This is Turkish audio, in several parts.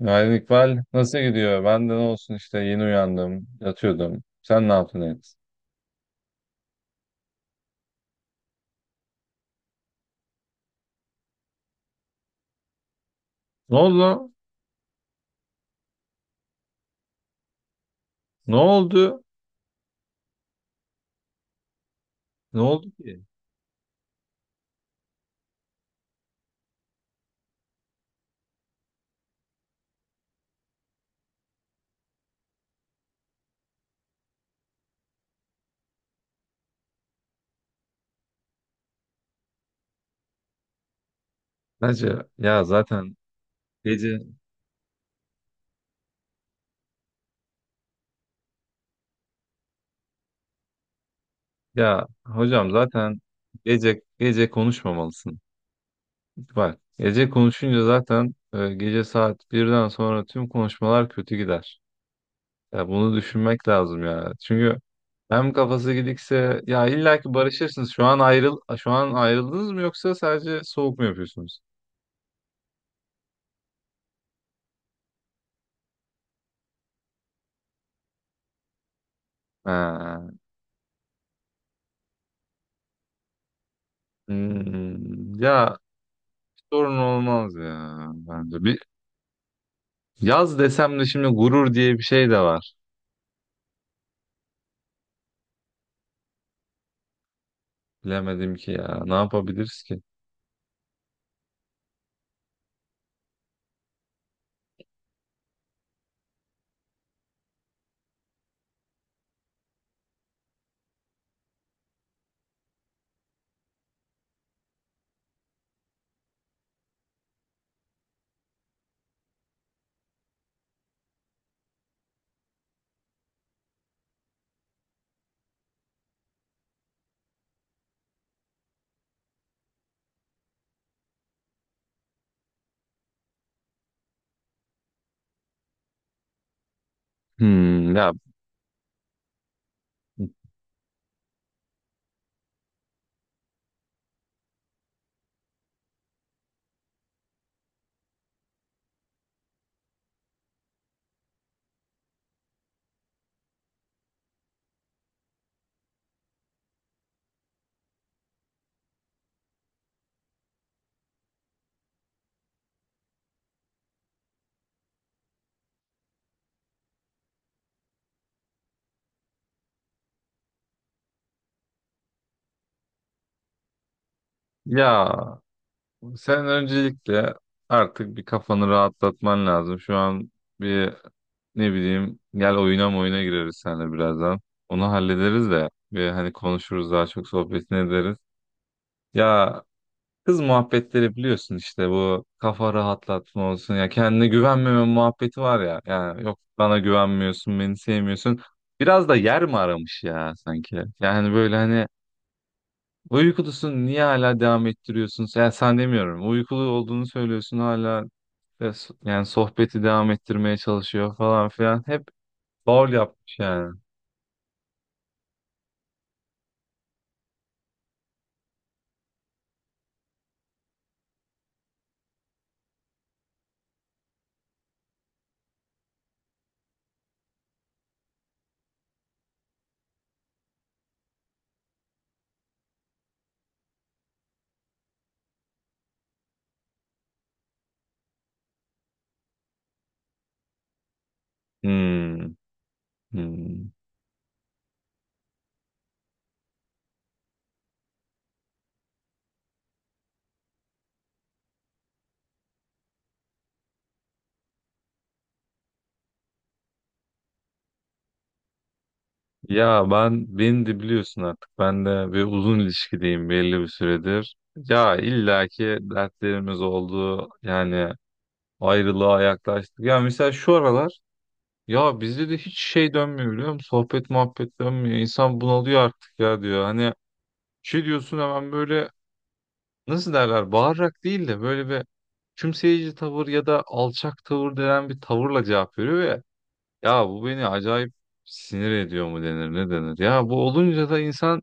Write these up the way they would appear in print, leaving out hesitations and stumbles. Günaydın İkbal. Nasıl gidiyor? Ben de ne olsun işte yeni uyandım. Yatıyordum. Sen ne yaptın et? Ne oldu, lan? Ne oldu? Ne oldu ki? Hacı, ya zaten gece. Ya hocam, zaten gece gece konuşmamalısın. Bak gece konuşunca zaten gece saat birden sonra tüm konuşmalar kötü gider. Ya bunu düşünmek lazım ya. Çünkü hem kafası gidikse ya illa ki barışırsınız. Şu an ayrıldınız mı yoksa sadece soğuk mu yapıyorsunuz? Ha. Ya sorun olmaz ya bence. Bir yaz desem de şimdi gurur diye bir şey de var. Bilemedim ki ya. Ne yapabiliriz ki? Hmm, ya ya sen öncelikle artık bir kafanı rahatlatman lazım. Şu an bir ne bileyim gel oyuna gireriz seninle birazdan. Onu hallederiz de bir hani konuşuruz, daha çok sohbetini ederiz. Ya kız muhabbetleri biliyorsun işte, bu kafa rahatlatma olsun ya, kendine güvenmeme muhabbeti var ya, yani yok bana güvenmiyorsun, beni sevmiyorsun, biraz da yer mi aramış ya sanki, yani böyle hani uykulusun niye hala devam ettiriyorsun, yani sen demiyorum uykulu olduğunu söylüyorsun hala, yani sohbeti devam ettirmeye çalışıyor falan filan, hep bal yapmış yani. Hmm, hmm. Ya ben, beni de biliyorsun artık. Ben de bir uzun ilişkideyim belli bir süredir. Ya illaki dertlerimiz oldu. Yani ayrılığa yaklaştık. Ya mesela şu aralar, ya bizde de hiç şey dönmüyor biliyor musun? Sohbet muhabbet dönmüyor. İnsan bunalıyor artık ya, diyor. Hani şey diyorsun hemen böyle, nasıl derler, bağırarak değil de böyle bir kümseyici tavır ya da alçak tavır denen bir tavırla cevap veriyor ve ya bu beni acayip sinir ediyor mu denir ne denir. Ya bu olunca da insan,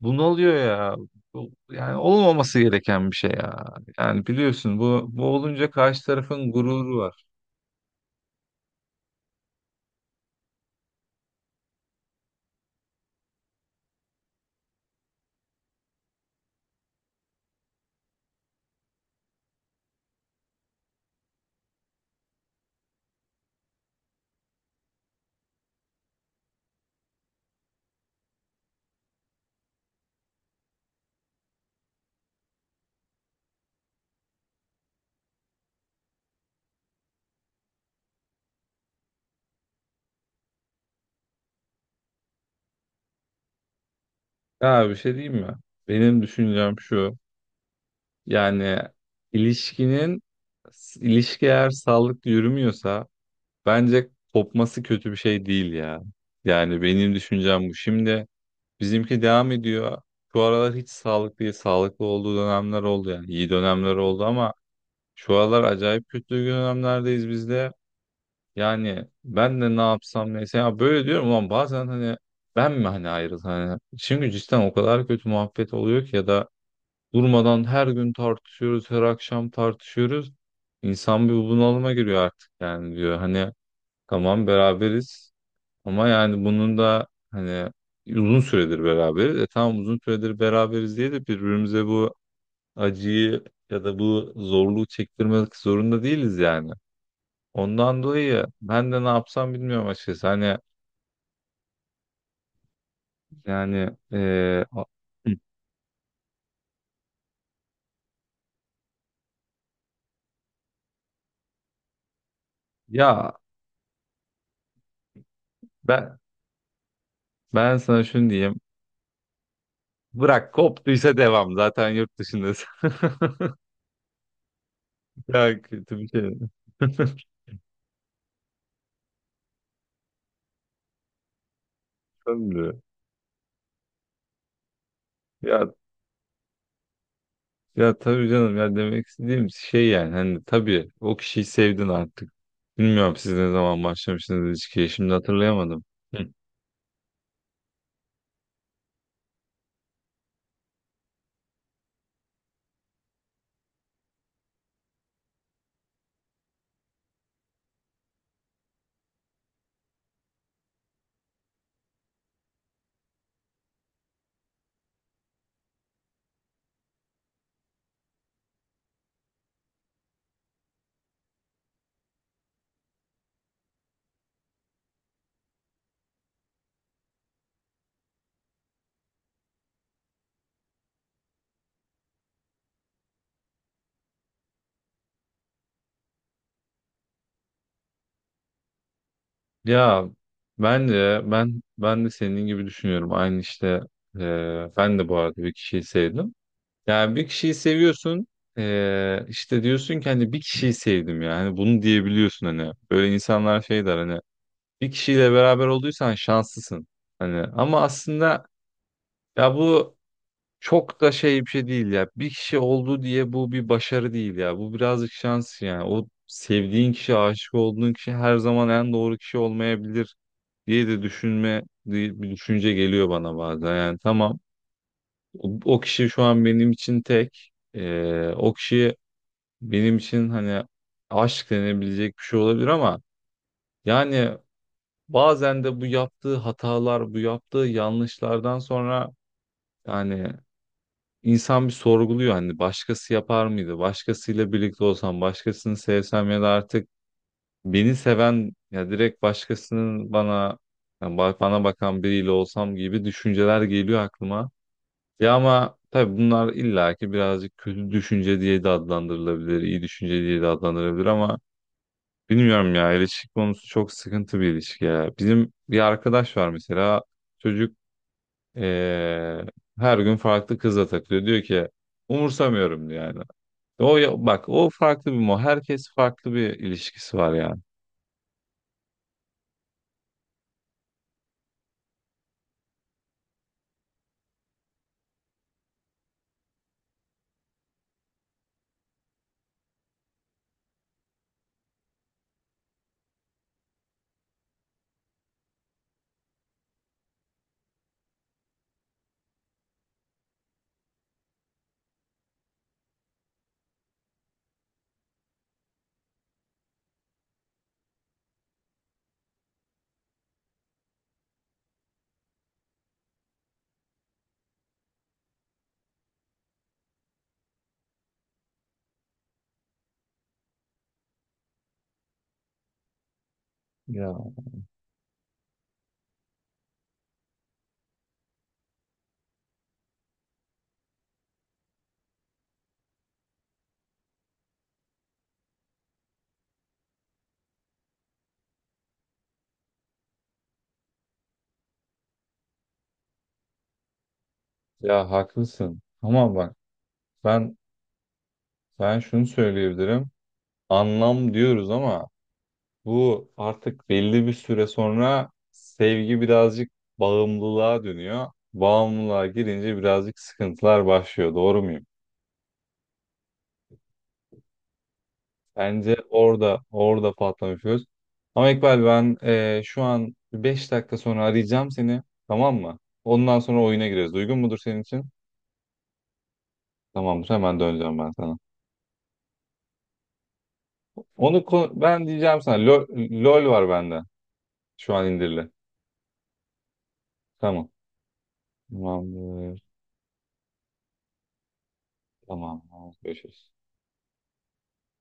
bu ne oluyor ya? Bu, yani olmaması gereken bir şey ya. Yani biliyorsun, bu olunca karşı tarafın gururu var. Ya bir şey diyeyim mi? Benim düşüncem şu. Yani ilişkinin ilişki eğer sağlıklı yürümüyorsa bence kopması kötü bir şey değil ya. Yani benim düşüncem bu. Şimdi bizimki devam ediyor. Şu aralar hiç sağlıklı değil. Sağlıklı olduğu dönemler oldu yani. İyi dönemler oldu ama şu aralar acayip kötü dönemlerdeyiz biz de. Yani ben de ne yapsam mesela, böyle diyorum ulan bazen, hani ben mi, hani ayrıl, hani çünkü cidden o kadar kötü muhabbet oluyor ki, ya da durmadan her gün tartışıyoruz, her akşam tartışıyoruz. İnsan bir bunalıma giriyor artık yani, diyor hani tamam beraberiz ama yani bunun da hani uzun süredir beraberiz, e tamam uzun süredir beraberiz diye de birbirimize bu acıyı ya da bu zorluğu çektirmek zorunda değiliz yani. Ondan dolayı ben de ne yapsam bilmiyorum açıkçası. Hani yani ya ben ben sana şunu diyeyim. Bırak koptuysa devam. Zaten yurt dışındasın. Ya kötü bir şey. Tabii. Ya ya tabii canım ya, demek istediğim şey yani hani, tabii o kişiyi sevdin artık. Bilmiyorum siz ne zaman başlamıştınız ilişkiye, şimdi hatırlayamadım. Ya bence ben de senin gibi düşünüyorum. Aynı işte, e, ben de bu arada bir kişiyi sevdim. Yani bir kişiyi seviyorsun, işte diyorsun ki hani bir kişiyi sevdim ya. Hani bunu diyebiliyorsun hani. Böyle insanlar şey der hani, bir kişiyle beraber olduysan şanslısın. Hani ama aslında ya bu çok da şey bir şey değil ya. Bir kişi oldu diye bu bir başarı değil ya. Bu birazcık şans yani. O sevdiğin kişi, aşık olduğun kişi her zaman en doğru kişi olmayabilir diye de düşünme diye bir düşünce geliyor bana bazen. Yani tamam o kişi şu an benim için tek. O kişi benim için hani aşk denebilecek bir şey olabilir ama yani bazen de bu yaptığı hatalar, bu yaptığı yanlışlardan sonra, yani insan bir sorguluyor hani, başkası yapar mıydı? Başkasıyla birlikte olsam, başkasını sevsem ya da artık beni seven ya, direkt başkasının, bana yani bana bakan biriyle olsam gibi düşünceler geliyor aklıma. Ya ama tabii bunlar illaki birazcık kötü düşünce diye de adlandırılabilir, iyi düşünce diye de adlandırılabilir, ama bilmiyorum ya, ilişki konusu çok sıkıntı bir ilişki ya. Bizim bir arkadaş var mesela, çocuk, eee, her gün farklı kızla takılıyor. Diyor ki umursamıyorum, diyor yani. O bak, o farklı bir mo. Herkes farklı bir ilişkisi var yani. Ya haklısın. Ama bak ben ben şunu söyleyebilirim. Anlam diyoruz ama bu artık belli bir süre sonra sevgi birazcık bağımlılığa dönüyor. Bağımlılığa girince birazcık sıkıntılar başlıyor. Doğru muyum? Bence orada patlamış göz. Ama İkbal, ben şu an 5 dakika sonra arayacağım seni. Tamam mı? Ondan sonra oyuna gireriz. Uygun mudur senin için? Tamamdır. Hemen döneceğim ben sana. Onu ben diyeceğim sana. LOL var bende. Şu an indirili. Tamam. Tamamdır. Tamam. Tamam. Görüşürüz.